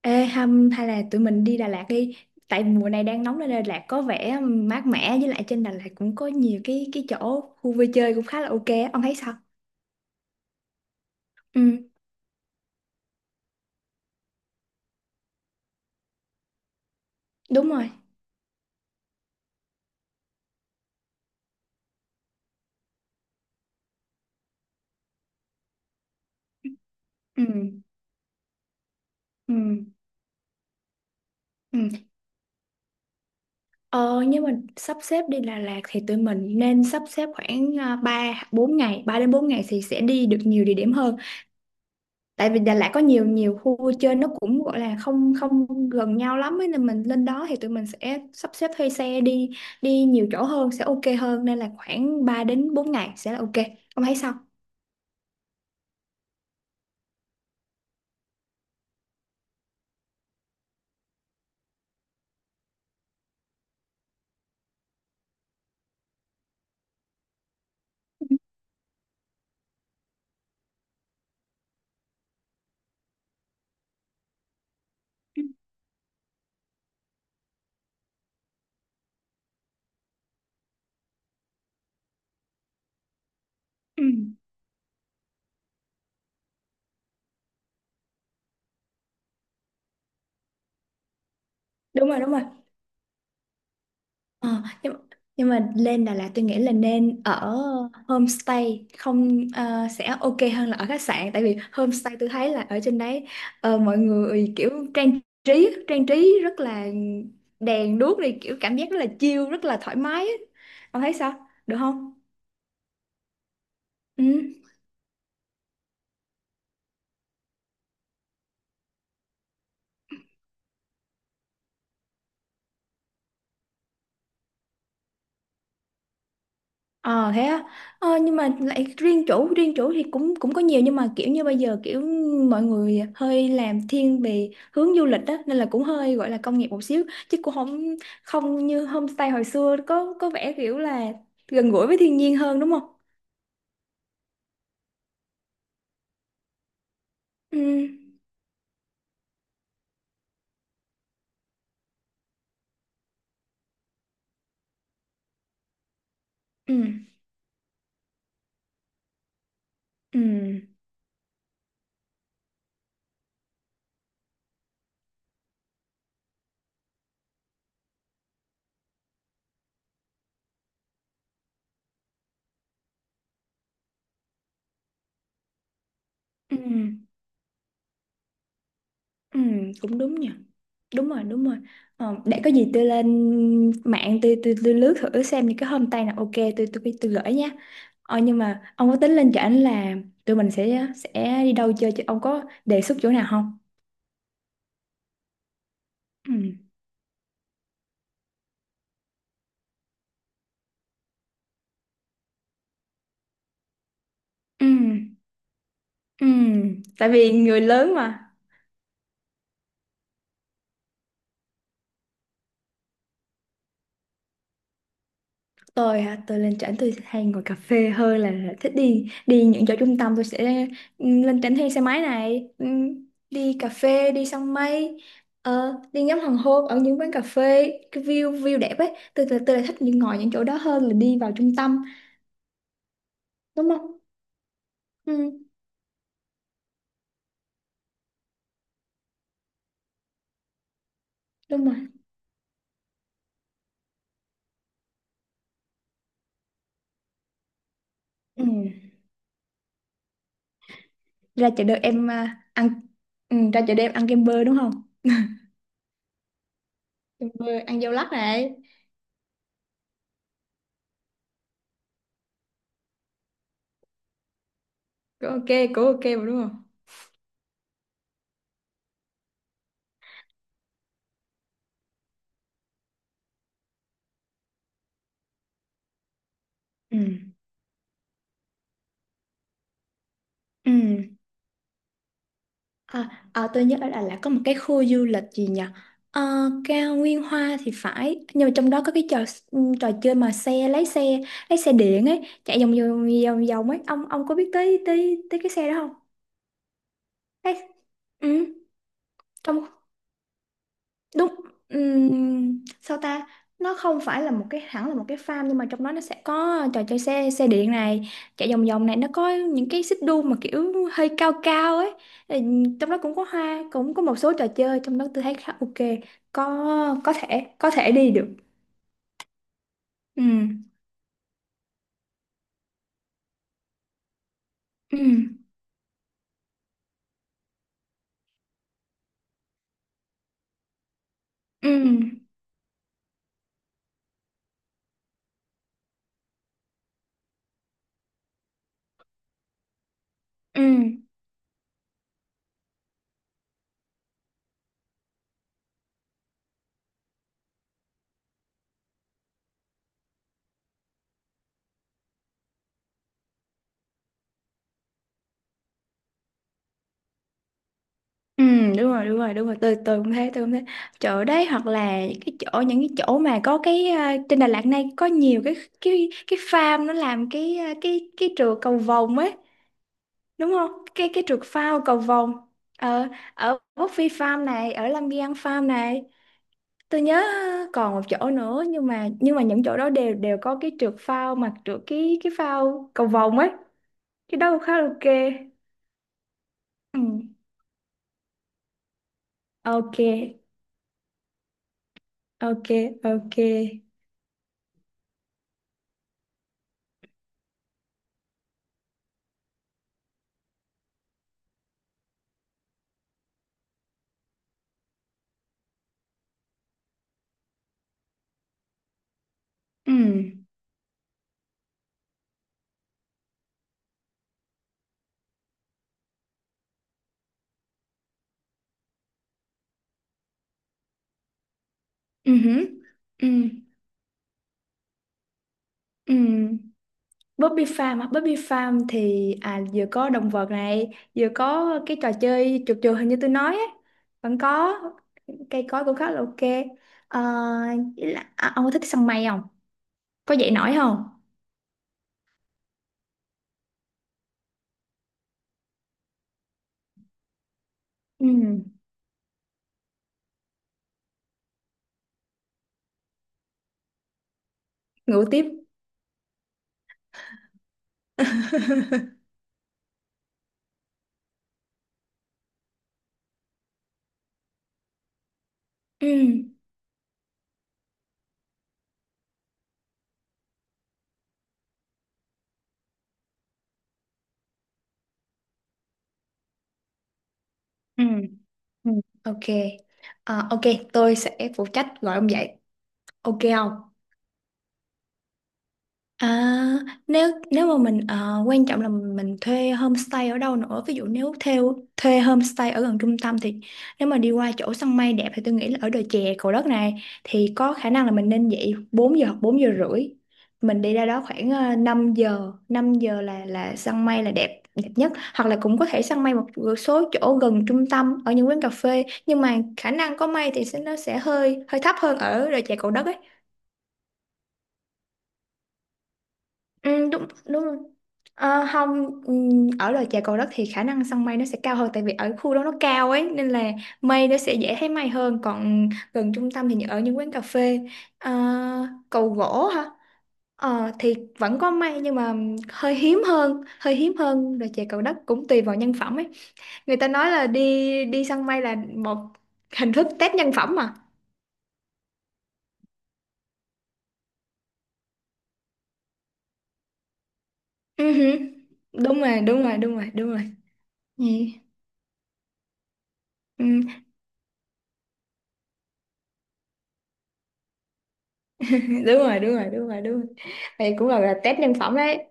Ê hâm hay là tụi mình đi Đà Lạt đi. Tại mùa này đang nóng nên Đà Lạt có vẻ mát mẻ. Với lại trên Đà Lạt cũng có nhiều cái chỗ khu vui chơi cũng khá là ok á. Ông thấy sao? Ừ, đúng rồi. Ừ, ừ, ừ. Ờ nhưng mà sắp xếp đi Đà Lạt thì tụi mình nên sắp xếp khoảng 3 4 ngày, 3 đến 4 ngày thì sẽ đi được nhiều địa điểm hơn, tại vì Đà Lạt có nhiều nhiều khu vui chơi nó cũng gọi là không không gần nhau lắm ấy, nên mình lên đó thì tụi mình sẽ sắp xếp thuê xe đi, đi nhiều chỗ hơn sẽ ok hơn, nên là khoảng 3 đến 4 ngày sẽ là ok. Ông thấy sao? Ừ, ừ, ừ. Đúng rồi, đúng rồi. Ờ, nhưng mà lên Đà Lạt tôi nghĩ là nên ở homestay không sẽ ok hơn là ở khách sạn, tại vì homestay tôi thấy là ở trên đấy mọi người kiểu trang trí rất là đèn đuốc này, kiểu cảm giác rất là chill rất là thoải mái á. Ông thấy sao, được không? Ừ. Ờ thế á. Nhưng mà lại riêng chủ, riêng chủ thì cũng cũng có nhiều, nhưng mà kiểu như bây giờ kiểu mọi người hơi làm thiên về hướng du lịch đó nên là cũng hơi gọi là công nghiệp một xíu, chứ cũng không, không như homestay hồi xưa có vẻ kiểu là gần gũi với thiên nhiên hơn, đúng không? Ừ, ừ, ừ, ừ. Ừ, cũng đúng nhỉ. Đúng rồi, đúng rồi. Ờ, để có gì tôi lên mạng tôi lướt thử xem những cái homestay nào ok tôi gửi nha. Ờ, nhưng mà ông có tính lên cho trển là tụi mình sẽ đi đâu chơi chứ, ông có đề xuất chỗ nào không? Ừ. Ừ. Ừ. Tại vì người lớn mà. Tôi hả, tôi lên trển tôi hay ngồi cà phê hơn là thích đi, đi những chỗ trung tâm. Tôi sẽ lên trển thuê xe máy này, đi cà phê, đi săn mây, đi ngắm hoàng hôn ở những quán cà phê cái view view đẹp ấy. Tôi lại thích những ngồi những chỗ đó hơn là đi vào trung tâm, đúng không? Ừ, đúng rồi. Ừ. Ra chợ đêm em à, ăn ra chợ đêm ăn kem bơ đúng không, kem bơ ăn dâu lắc này, cũng ok. Cũng ok mà, đúng không? Ừ. Ừ. À, à, tôi nhớ ở Đà Lạt có một cái khu du lịch gì nhỉ? Ờ, cao Nguyên Hoa thì phải, nhưng mà trong đó có cái trò, trò chơi mà xe lái xe lái xe điện ấy chạy vòng vòng ấy, ông có biết tới tới tới cái xe đó không? Ê, ừ, trong, đúng. Ừm, sao ta, nó không phải là một cái, hẳn là một cái farm, nhưng mà trong đó nó sẽ có trò chơi xe xe điện này, chạy vòng vòng này, nó có những cái xích đu mà kiểu hơi cao cao ấy. Trong đó cũng có hoa, cũng có một số trò chơi, trong đó tôi thấy khá ok. Có, có thể đi được. Ừ, ừ, ừ, ừ. Ừ, đúng rồi, đúng rồi, đúng rồi, tôi cũng thế, tôi cũng thế. Chỗ đấy hoặc là cái chỗ, những cái chỗ mà có cái trên Đà Lạt này có nhiều cái farm nó làm cái cái trượt cầu vồng ấy, đúng không, cái trượt phao cầu vồng. Ờ, ở Quốc Phi Farm này, ở Lâm Biên Farm này, tôi nhớ còn một chỗ nữa, nhưng mà những chỗ đó đều đều có cái trượt phao mà trượt cái phao cầu vồng ấy, cái đó cũng khá là ok. Ừ. Ok, ok, ok. Ừ. Ừ, hử. Ừ. Ừ. Bobby Farm á. Bobby Farm thì à, vừa có động vật này, vừa có cái trò chơi trượt trượt hình như tôi nói á, vẫn có cây cối cũng khá là ok. Ờ, với là, à, ông có thích săn mây không? Có dậy nổi không? Ừ. Ngủ tiếp. Ừ. Ừ. Ừ. Ok. Ờ, ok, tôi sẽ phụ trách gọi ông dậy. Ok không? À, nếu, nếu mà mình ờ, quan trọng là mình thuê homestay ở đâu nữa. Ví dụ nếu theo thuê homestay ở gần trung tâm thì nếu mà đi qua chỗ săn mây đẹp thì tôi nghĩ là ở đồi chè Cầu Đất này thì có khả năng là mình nên dậy 4 giờ hoặc 4 giờ rưỡi, mình đi ra đó khoảng ờ, 5 giờ, 5 giờ là săn mây là đẹp đẹp nhất, hoặc là cũng có thể săn mây một số chỗ gần trung tâm ở những quán cà phê, nhưng mà khả năng có mây thì sẽ nó sẽ hơi hơi thấp hơn ở đồi chè Cầu Đất ấy. Ừ, đúng đúng rồi. Ờ, không, ở đồi chè Cầu Đất thì khả năng săn mây nó sẽ cao hơn, tại vì ở khu đó nó cao ấy nên là mây nó sẽ dễ thấy mây hơn, còn gần trung tâm thì ở những quán cà phê. Ờ, cầu gỗ hả. Ờ, thì vẫn có mây nhưng mà hơi hiếm hơn, hơi hiếm hơn đồi chè Cầu Đất, cũng tùy vào nhân phẩm ấy, người ta nói là đi, đi săn mây là một hình thức test nhân phẩm mà. Ừ hử. Đúng rồi, đúng rồi, đúng rồi, đúng rồi. Ừ. Ừ. Đúng rồi, đúng rồi, đúng rồi, đúng rồi, đây cũng là test nhân phẩm đấy.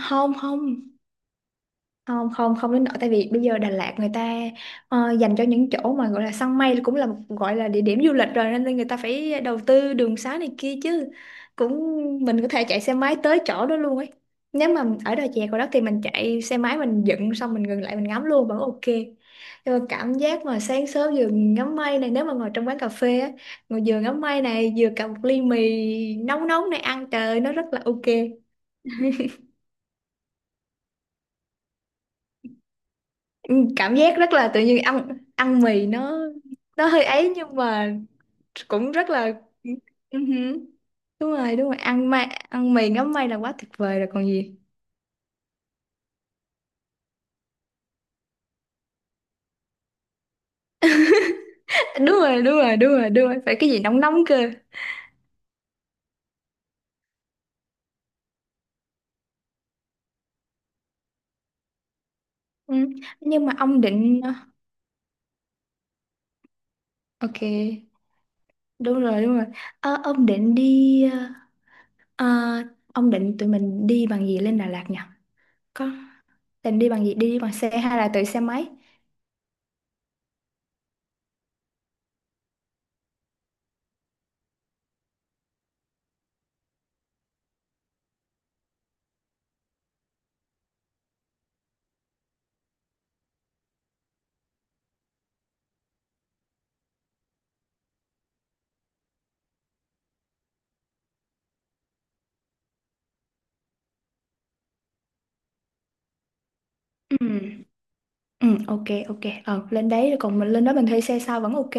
Không không không, không đến nỗi, tại vì bây giờ Đà Lạt người ta dành cho những chỗ mà gọi là săn mây cũng là một gọi là địa điểm du lịch rồi nên là người ta phải đầu tư đường xá này kia chứ, cũng mình có thể chạy xe máy tới chỗ đó luôn ấy. Nếu mà ở đò chè của đó thì mình chạy xe máy mình dựng xong mình ngừng lại mình ngắm luôn vẫn ok. Nhưng mà cảm giác mà sáng sớm vừa ngắm mây này, nếu mà ngồi trong quán cà phê á, ngồi vừa ngắm mây này vừa cầm một ly mì nóng nóng này ăn, trời ơi, nó rất là ok. Ừ, cảm giác rất là tự nhiên, ăn ăn mì nó hơi ấy nhưng mà cũng rất là. Ừ hử. Đúng rồi, đúng rồi, ăn mì ngắm mây là quá tuyệt vời rồi còn gì. Đúng rồi, đúng rồi, đúng rồi, đúng rồi, phải cái gì nóng nóng cơ. Ừ. Nhưng mà ông định, ok, đúng rồi, đúng rồi. Ờ, ông định đi ờ, ông định tụi mình đi bằng gì lên Đà Lạt nhỉ, có định đi bằng gì, đi bằng xe hay là tự xe máy? Ừ, ừ, ok, ok. Ờ lên đấy rồi, còn mình lên đó mình thuê xe sao vẫn ok.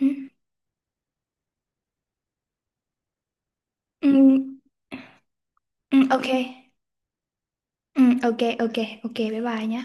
Ừ, ừ, ừ, ok, ừ, ok, ok, ok, bye bye nhé.